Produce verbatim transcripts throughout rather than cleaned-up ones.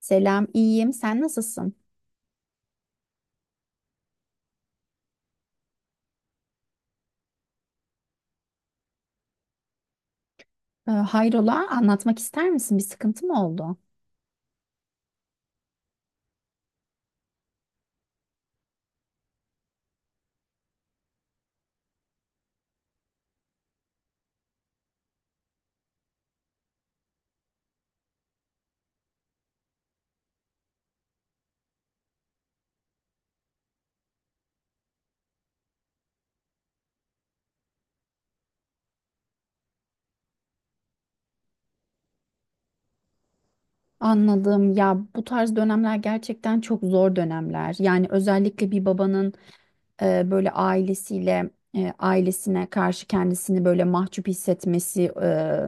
Selam, iyiyim. Sen nasılsın? Ee, hayrola, anlatmak ister misin? Bir sıkıntı mı oldu? Anladım. Ya bu tarz dönemler gerçekten çok zor dönemler. Yani özellikle bir babanın e, böyle ailesiyle e, ailesine karşı kendisini böyle mahcup hissetmesi e,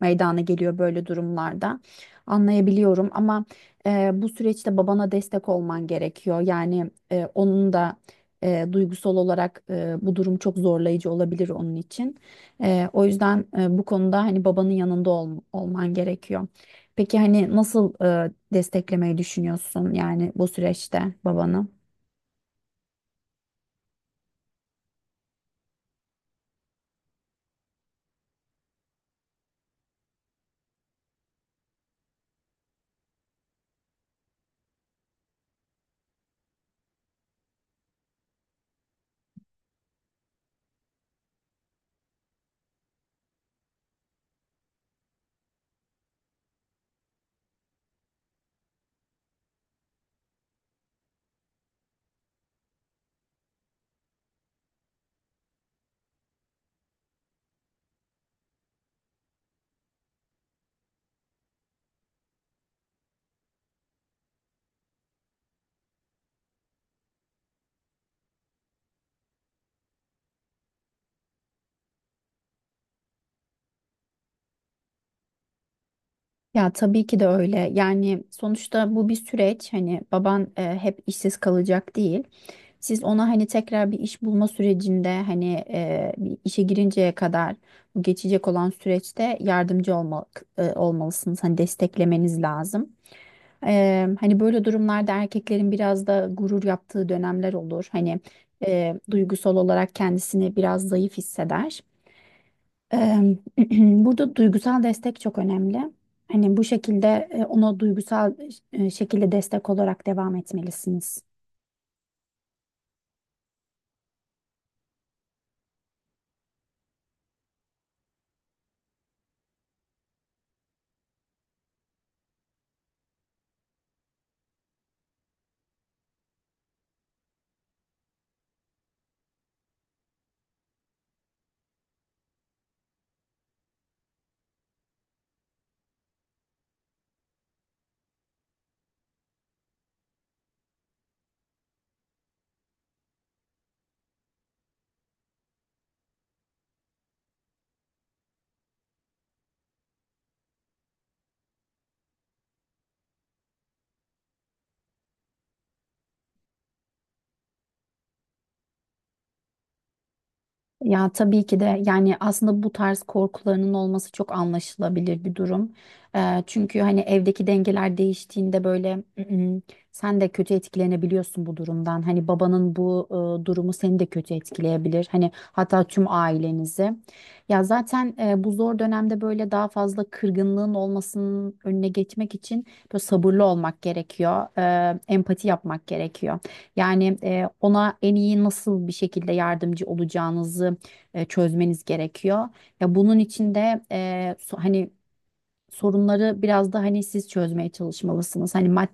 meydana geliyor böyle durumlarda. Anlayabiliyorum ama e, bu süreçte babana destek olman gerekiyor. Yani e, onun da e, duygusal olarak e, bu durum çok zorlayıcı olabilir onun için. E, o yüzden e, bu konuda hani babanın yanında ol- olman gerekiyor. Peki hani nasıl e, desteklemeyi düşünüyorsun yani bu süreçte babanı? Ya tabii ki de öyle. Yani sonuçta bu bir süreç. Hani baban e, hep işsiz kalacak değil. Siz ona hani tekrar bir iş bulma sürecinde hani e, bir işe girinceye kadar bu geçecek olan süreçte yardımcı olmak e, olmalısınız. Hani desteklemeniz lazım. E, hani böyle durumlarda erkeklerin biraz da gurur yaptığı dönemler olur. Hani e, duygusal olarak kendisini biraz zayıf hisseder. Eee, Burada duygusal destek çok önemli. Hani bu şekilde e, ona duygusal e, şekilde destek olarak devam etmelisiniz. Ya tabii ki de yani aslında bu tarz korkularının olması çok anlaşılabilir bir durum. Eee, çünkü hani evdeki dengeler değiştiğinde böyle "Mm, sen de kötü etkilenebiliyorsun bu durumdan. Hani babanın bu e, durumu seni de kötü etkileyebilir. Hani hatta tüm ailenizi. Ya zaten e, bu zor dönemde böyle daha fazla kırgınlığın olmasının önüne geçmek için böyle sabırlı olmak gerekiyor. Eee, empati yapmak gerekiyor. Yani e, ona en iyi nasıl bir şekilde yardımcı olacağınızı e, çözmeniz gerekiyor. Ya bunun için de e, so- hani sorunları biraz da hani siz çözmeye çalışmalısınız. Hani mad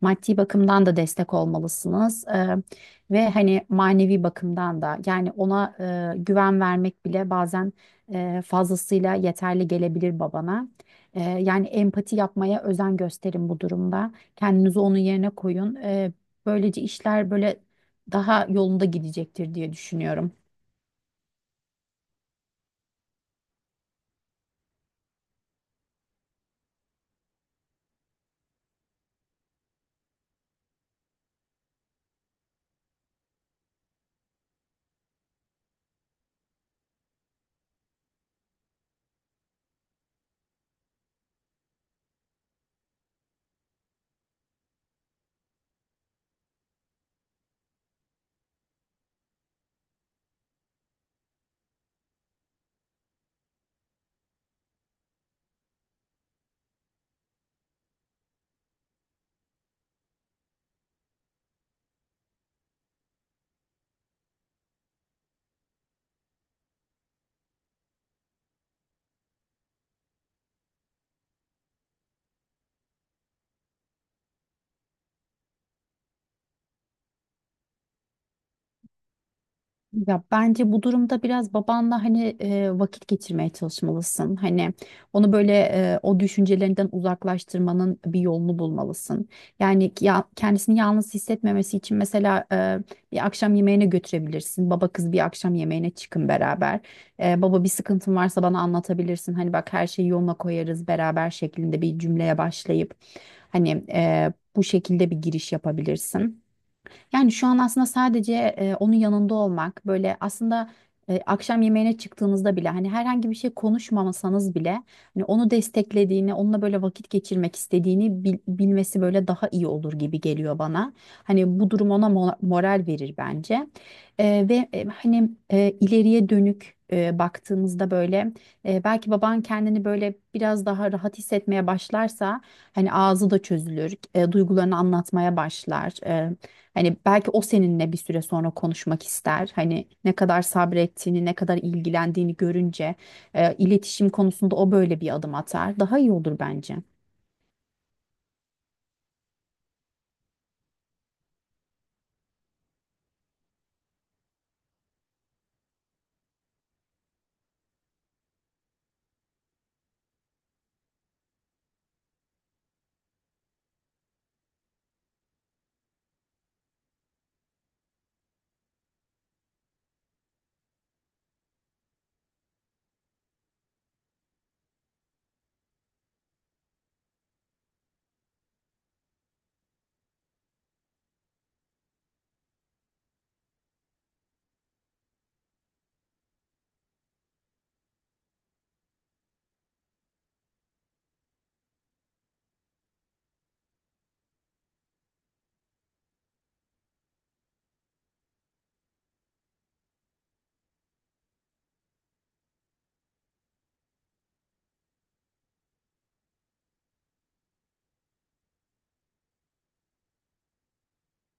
maddi bakımdan da destek olmalısınız. E, ve hani manevi bakımdan da yani ona e, güven vermek bile bazen e, fazlasıyla yeterli gelebilir babana. E, yani empati yapmaya özen gösterin bu durumda. Kendinizi onun yerine koyun. E, böylece işler böyle daha yolunda gidecektir diye düşünüyorum. Ya bence bu durumda biraz babanla hani e, vakit geçirmeye çalışmalısın. Hani onu böyle e, o düşüncelerinden uzaklaştırmanın bir yolunu bulmalısın. Yani ki- ya, kendisini yalnız hissetmemesi için mesela e, bir akşam yemeğine götürebilirsin. Baba kız bir akşam yemeğine çıkın beraber. E, baba bir sıkıntın varsa bana anlatabilirsin. Hani bak her şeyi yoluna koyarız beraber şeklinde bir cümleye başlayıp hani e, bu şekilde bir giriş yapabilirsin. Yani şu an aslında sadece e, onun yanında olmak böyle aslında e, akşam yemeğine çıktığınızda bile hani herhangi bir şey konuşmamasanız bile hani onu desteklediğini, onunla böyle vakit geçirmek istediğini bil- bilmesi böyle daha iyi olur gibi geliyor bana. Hani bu durum ona mo- moral verir bence. E, ve e, hani e, ileriye dönük e, baktığımızda böyle e, belki baban kendini böyle biraz daha rahat hissetmeye başlarsa hani ağzı da çözülür, e, duygularını anlatmaya başlar. Hani belki o seninle bir süre sonra konuşmak ister. Hani ne kadar sabrettiğini, ne kadar ilgilendiğini görünce e, iletişim konusunda o böyle bir adım atar. Daha iyi olur bence.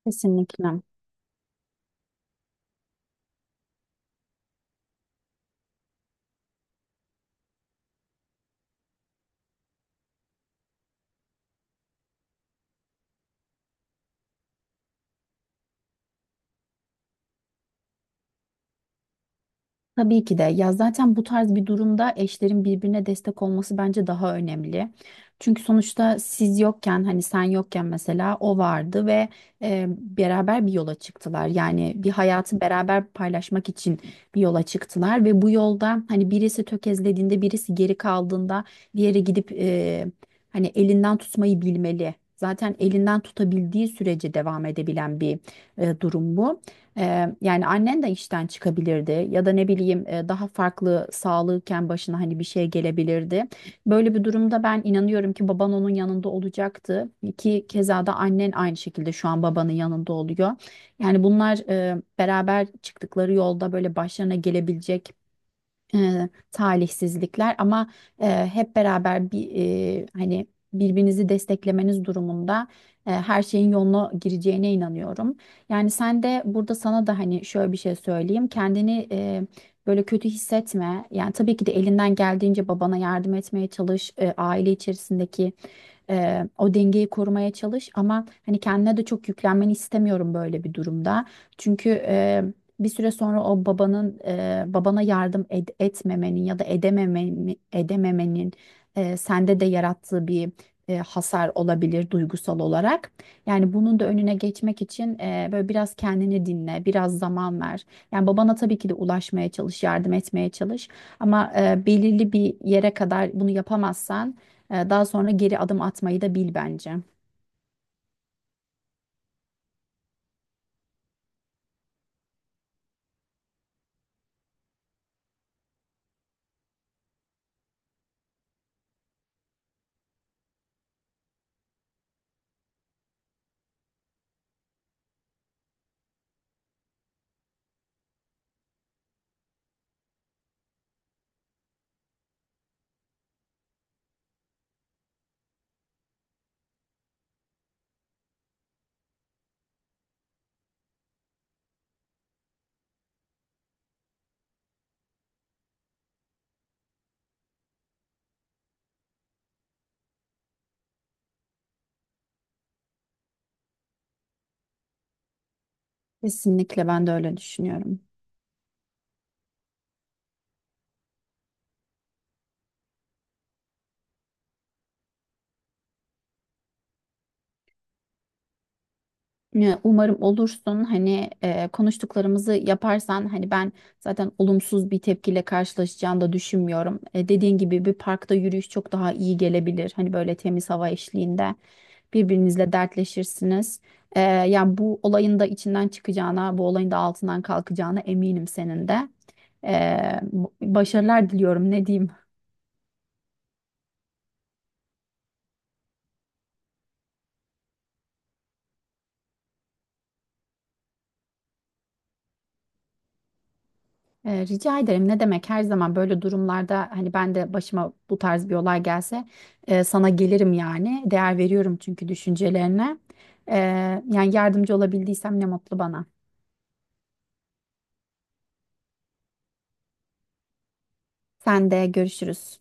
Kesinlikle. Tabii ki de. Ya zaten bu tarz bir durumda eşlerin birbirine destek olması bence daha önemli. Çünkü sonuçta siz yokken hani sen yokken mesela o vardı ve e, beraber bir yola çıktılar. Yani bir hayatı beraber paylaşmak için bir yola çıktılar ve bu yolda hani birisi tökezlediğinde birisi geri kaldığında diğeri gidip e, hani elinden tutmayı bilmeli. Zaten elinden tutabildiği sürece devam edebilen bir e, durum bu. Eee, yani annen de işten çıkabilirdi ya da ne bileyim e, daha farklı sağlığıken başına hani bir şey gelebilirdi. Böyle bir durumda ben inanıyorum ki baban onun yanında olacaktı ki keza da annen aynı şekilde şu an babanın yanında oluyor. Yani bunlar e, beraber çıktıkları yolda böyle başlarına gelebilecek e, talihsizlikler ama e, hep beraber bir e, hani birbirinizi desteklemeniz durumunda e, her şeyin yoluna gireceğine inanıyorum. Yani sen de burada sana da hani şöyle bir şey söyleyeyim. Kendini e, böyle kötü hissetme. Yani tabii ki de elinden geldiğince babana yardım etmeye çalış. E, aile içerisindeki e, o dengeyi korumaya çalış ama hani kendine de çok yüklenmeni istemiyorum böyle bir durumda. Çünkü e, bir süre sonra o babanın e, babana yardım ed- etmemenin ya da edememenin, edememenin e, sende de yarattığı bir e, hasar olabilir duygusal olarak. Yani bunun da önüne geçmek için e, böyle biraz kendini dinle, biraz zaman ver. Yani babana tabii ki de ulaşmaya çalış, yardım etmeye çalış. Ama e, belirli bir yere kadar bunu yapamazsan e, daha sonra geri adım atmayı da bil bence. Kesinlikle ben de öyle düşünüyorum. Ya, umarım olursun hani e, konuştuklarımızı yaparsan hani ben zaten olumsuz bir tepkiyle karşılaşacağını da düşünmüyorum. E, dediğin gibi bir parkta yürüyüş çok daha iyi gelebilir. Hani böyle temiz hava eşliğinde birbirinizle dertleşirsiniz. E, yani bu olayın da içinden çıkacağına, bu olayın da altından kalkacağına eminim senin de. E, bu- Başarılar diliyorum ne diyeyim. Ee, rica ederim. Ne demek, her zaman böyle durumlarda hani ben de başıma bu tarz bir olay gelse e, sana gelirim yani. Değer veriyorum çünkü düşüncelerine. Ee, Yani yardımcı olabildiysem ne mutlu bana. Sen de görüşürüz.